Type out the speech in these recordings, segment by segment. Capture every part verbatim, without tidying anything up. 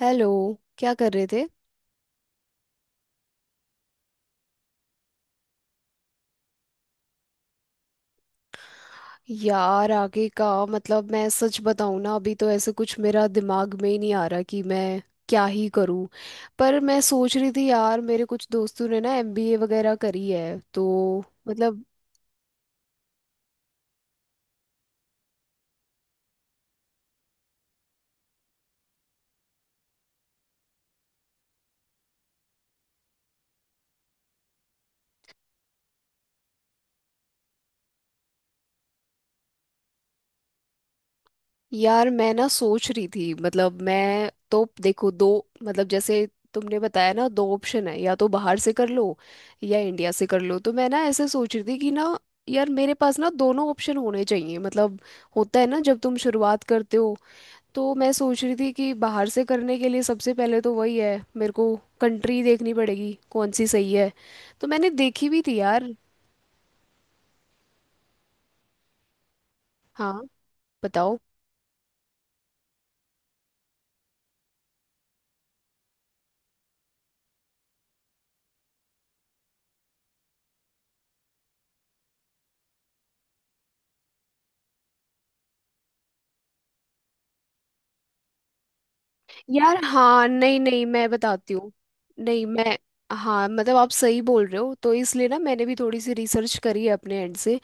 Hello. क्या कर रहे थे? यार, आगे का मतलब, मैं सच बताऊं ना, अभी तो ऐसे कुछ मेरा दिमाग में ही नहीं आ रहा कि मैं क्या ही करूं। पर मैं सोच रही थी यार, मेरे कुछ दोस्तों ने ना एमबीए वगैरह करी है, तो मतलब, यार मैं ना सोच रही थी, मतलब मैं तो देखो, दो, मतलब जैसे तुमने बताया ना, दो ऑप्शन है: या तो बाहर से कर लो या इंडिया से कर लो। तो मैं ना ऐसे सोच रही थी कि ना, यार मेरे पास ना दोनों ऑप्शन होने चाहिए। मतलब, होता है ना, जब तुम शुरुआत करते हो, तो मैं सोच रही थी कि बाहर से करने के लिए सबसे पहले तो वही है, मेरे को कंट्री देखनी पड़ेगी कौन सी सही है। तो मैंने देखी भी थी यार। हाँ, बताओ। यार हाँ, नहीं नहीं, मैं बताती हूँ। नहीं मैं हाँ, मतलब आप सही बोल रहे हो, तो इसलिए ना मैंने भी थोड़ी सी रिसर्च करी है अपने एंड से।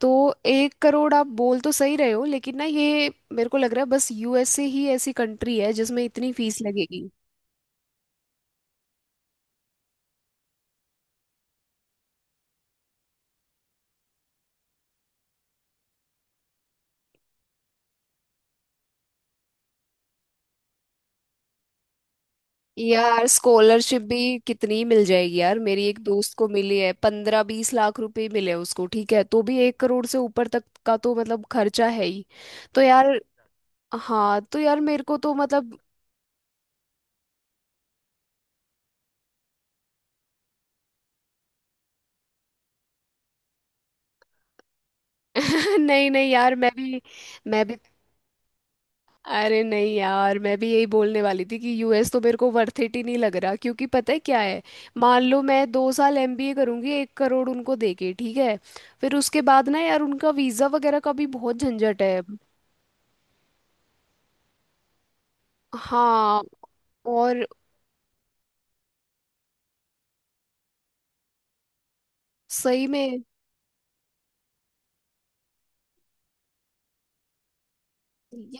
तो एक करोड़ आप बोल तो सही रहे हो, लेकिन ना ये मेरे को लग रहा है बस यूएसए ही ऐसी कंट्री है जिसमें इतनी फीस लगेगी। यार, स्कॉलरशिप भी कितनी मिल जाएगी यार, मेरी एक दोस्त को मिली है, पंद्रह बीस लाख रुपए मिले उसको, ठीक है, तो भी एक करोड़ से ऊपर तक का तो मतलब खर्चा है ही। तो यार, हाँ तो यार मेरे को तो मतलब, नहीं नहीं यार, मैं भी मैं भी अरे नहीं यार, मैं भी यही बोलने वाली थी कि यूएस तो मेरे को वर्थ इट ही नहीं लग रहा, क्योंकि पता है क्या है, मान लो मैं दो साल एमबीए करूंगी, एक करोड़ उनको देके, ठीक है, फिर उसके बाद ना यार, उनका वीजा वगैरह का भी बहुत झंझट है। हाँ। और सही में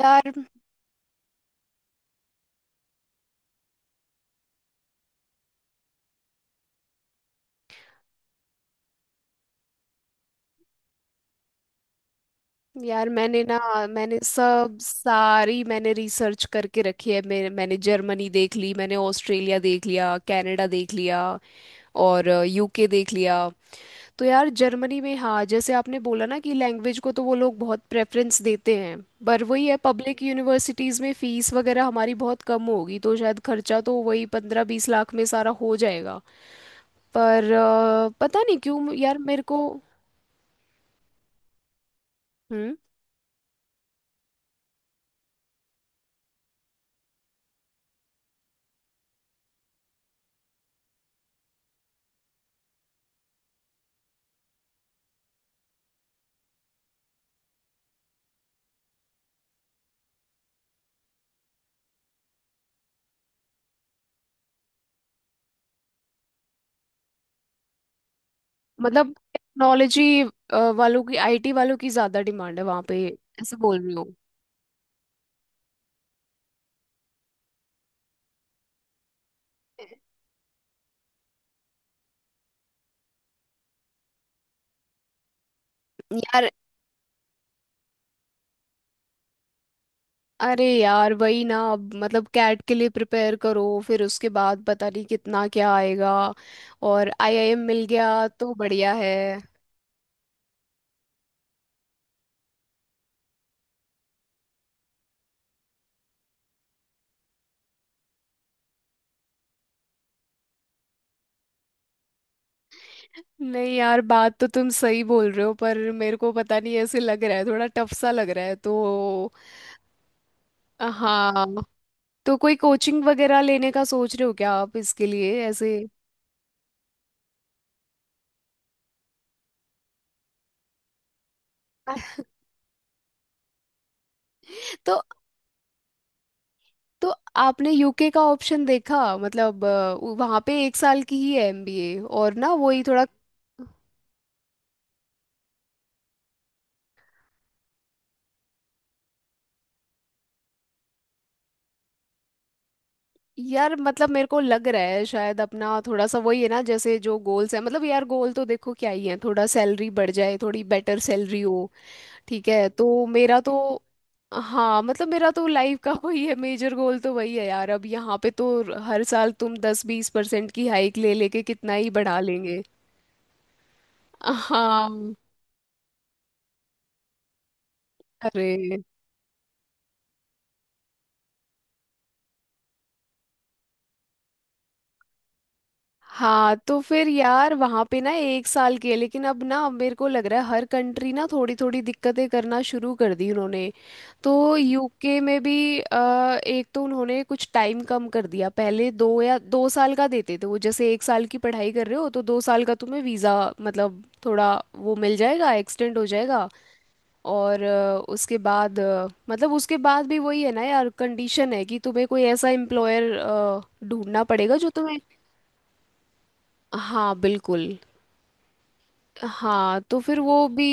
यार। यार मैंने ना, मैंने सब सारी मैंने रिसर्च करके रखी है, मैं, मैंने जर्मनी देख ली, मैंने ऑस्ट्रेलिया देख लिया, कनाडा देख लिया और यूके देख लिया। तो यार, जर्मनी में हाँ जैसे आपने बोला ना कि लैंग्वेज को तो वो लोग बहुत प्रेफरेंस देते हैं, पर वही है, पब्लिक यूनिवर्सिटीज़ में फीस वगैरह हमारी बहुत कम होगी, तो शायद खर्चा तो वही पंद्रह बीस लाख में सारा हो जाएगा। पर अ, पता नहीं क्यों यार मेरे को हम्म मतलब टेक्नोलॉजी वालों की, आईटी वालों की ज़्यादा डिमांड है वहाँ पे, ऐसे बोल रही हूँ। यार, अरे यार, वही ना, अब मतलब कैट के लिए प्रिपेयर करो, फिर उसके बाद पता नहीं कितना क्या आएगा, और आईआईएम मिल गया तो बढ़िया है। नहीं यार, बात तो तुम सही बोल रहे हो, पर मेरे को पता नहीं, ऐसे लग रहा है थोड़ा टफ सा लग रहा है तो। हाँ, तो कोई कोचिंग वगैरह लेने का सोच रहे हो क्या आप इसके लिए, ऐसे? तो तो आपने यूके का ऑप्शन देखा? मतलब वहां पे एक साल की ही है एमबीए, और ना वही थोड़ा। यार मतलब, मेरे को लग रहा है शायद अपना थोड़ा सा वही है ना, जैसे जो गोल्स है, मतलब यार, गोल तो देखो क्या ही है, थोड़ा सैलरी बढ़ जाए, थोड़ी बेटर सैलरी हो, ठीक है, तो मेरा तो हाँ, मतलब मेरा तो लाइफ का वही है, मेजर गोल तो वही है यार। अब यहाँ पे तो हर साल तुम दस बीस परसेंट की हाइक ले लेके कितना ही बढ़ा लेंगे। हाँ। अरे हाँ, तो फिर यार वहाँ पे ना एक साल के, लेकिन अब ना मेरे को लग रहा है हर कंट्री ना थोड़ी थोड़ी दिक्कतें करना शुरू कर दी उन्होंने। तो यूके में भी अ, एक तो उन्होंने कुछ टाइम कम कर दिया, पहले दो या दो साल का देते थे वो, जैसे एक साल की पढ़ाई कर रहे हो तो दो साल का तुम्हें वीज़ा मतलब थोड़ा वो मिल जाएगा, एक्सटेंड हो जाएगा। और अ, उसके बाद अ, मतलब उसके बाद भी वही है ना यार, कंडीशन है कि तुम्हें कोई ऐसा एम्प्लॉयर ढूंढना पड़ेगा जो तुम्हें— हाँ, बिल्कुल। हाँ, तो फिर वो भी,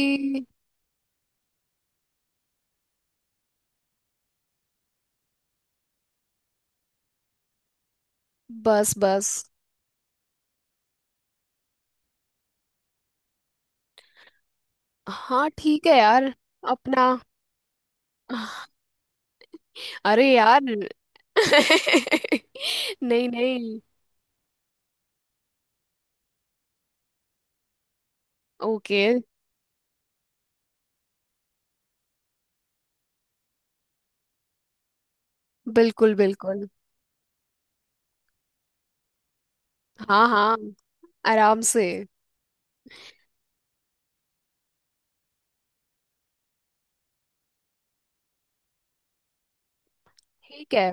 बस बस। हाँ, ठीक है यार। अपना— अरे यार नहीं नहीं। ओके। बिल्कुल बिल्कुल। हाँ हाँ, आराम से। ठीक है।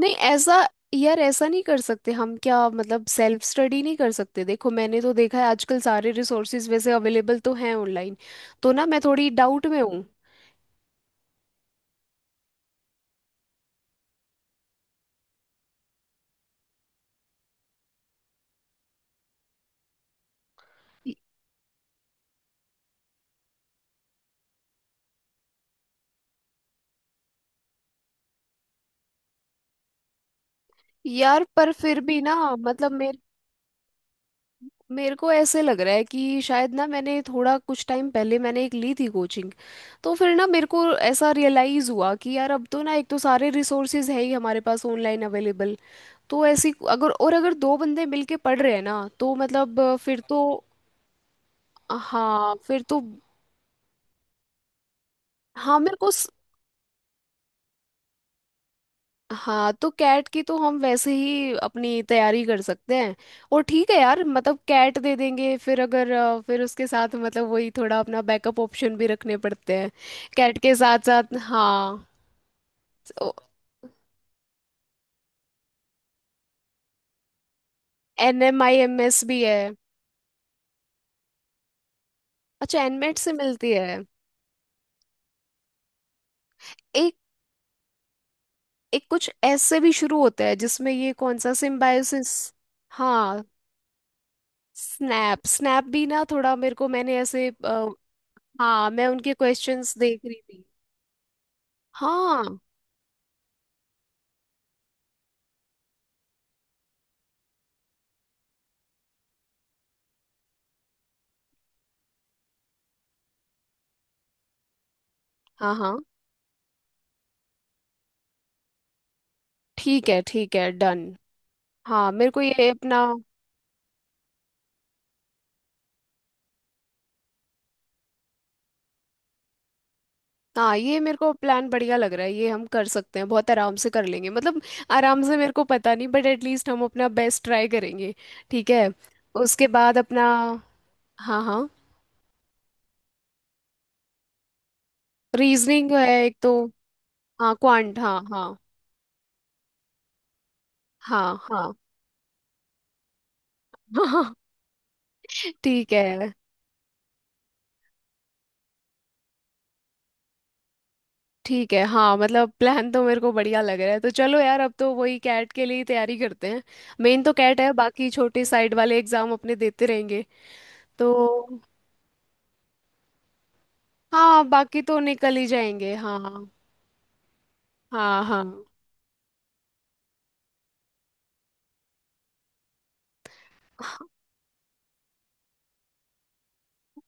नहीं, ऐसा, यार ऐसा नहीं कर सकते हम क्या? मतलब सेल्फ स्टडी नहीं कर सकते? देखो मैंने तो देखा है आजकल सारे रिसोर्सेज वैसे अवेलेबल तो हैं ऑनलाइन, तो ना मैं थोड़ी डाउट में हूँ। यार, पर फिर भी ना मतलब मेरे मेरे को ऐसे लग रहा है कि शायद ना, मैंने थोड़ा कुछ टाइम पहले मैंने एक ली थी कोचिंग, तो फिर ना मेरे को ऐसा रियलाइज़ हुआ कि यार, अब तो ना, एक तो सारे रिसोर्सेज है ही हमारे पास ऑनलाइन अवेलेबल, तो ऐसी अगर, और अगर दो बंदे मिलके पढ़ रहे हैं ना, तो मतलब फिर तो। हाँ, फिर तो। हाँ, मेरे को। हाँ, तो कैट की तो हम वैसे ही अपनी तैयारी कर सकते हैं। और ठीक है यार, मतलब कैट दे देंगे, फिर अगर अ, फिर उसके साथ मतलब वही थोड़ा अपना बैकअप ऑप्शन भी रखने पड़ते हैं। कैट के साथ साथ, हाँ। N M I M S भी है। अच्छा, एनमेट से मिलती है। एक एक कुछ एस से भी शुरू होता है, जिसमें ये कौन सा, सिम्बायोसिस। हाँ। स्नैप, स्नैप भी ना थोड़ा मेरे को, मैंने ऐसे अ, हाँ, मैं उनके क्वेश्चंस देख रही थी। हाँ हाँ। हाँ, ठीक है, ठीक है, डन। हाँ, मेरे को ये अपना। हाँ, ये मेरे को प्लान बढ़िया लग रहा है, ये हम कर सकते हैं बहुत आराम से, कर लेंगे मतलब। आराम से मेरे को पता नहीं, बट एटलीस्ट हम अपना बेस्ट ट्राई करेंगे। ठीक है। उसके बाद अपना, हाँ हाँ। रीजनिंग है एक तो। हाँ, क्वांट, हाँ हाँ। हाँ। हाँ। हाँ। ठीक है, ठीक है। हाँ, मतलब प्लान तो मेरे को बढ़िया लग रहा है, तो चलो यार, अब तो वही कैट के लिए ही तैयारी करते हैं। मेन तो कैट है, बाकी छोटे साइड वाले एग्जाम अपने देते रहेंगे। तो हाँ, बाकी तो निकल ही जाएंगे, हाँ। हाँ हाँ।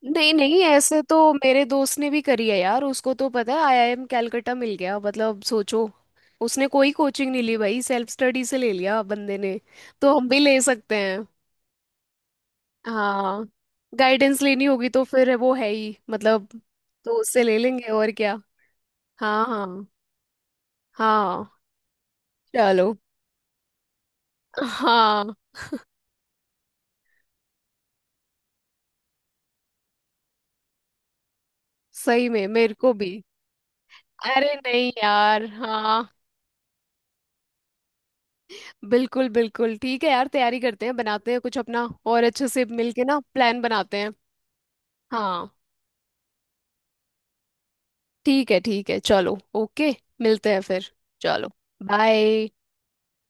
नहीं नहीं, ऐसे तो मेरे दोस्त ने भी करी है यार, उसको तो पता है आईआईएम कैलकटा मिल गया, मतलब सोचो, उसने कोई कोचिंग नहीं ली भाई, सेल्फ स्टडी से ले लिया बंदे ने। तो हम भी ले सकते हैं। हाँ। गाइडेंस लेनी होगी तो फिर वो है ही, मतलब तो उससे ले लेंगे, और क्या। हाँ हाँ। हाँ। चलो। हाँ, सही में मेरे को भी। अरे नहीं यार, हाँ, बिल्कुल बिल्कुल, ठीक है यार, तैयारी करते हैं, बनाते हैं कुछ अपना, और अच्छे से मिलके ना प्लान बनाते हैं। हाँ। ठीक है, ठीक है, चलो, ओके। मिलते हैं फिर। चलो। बाय।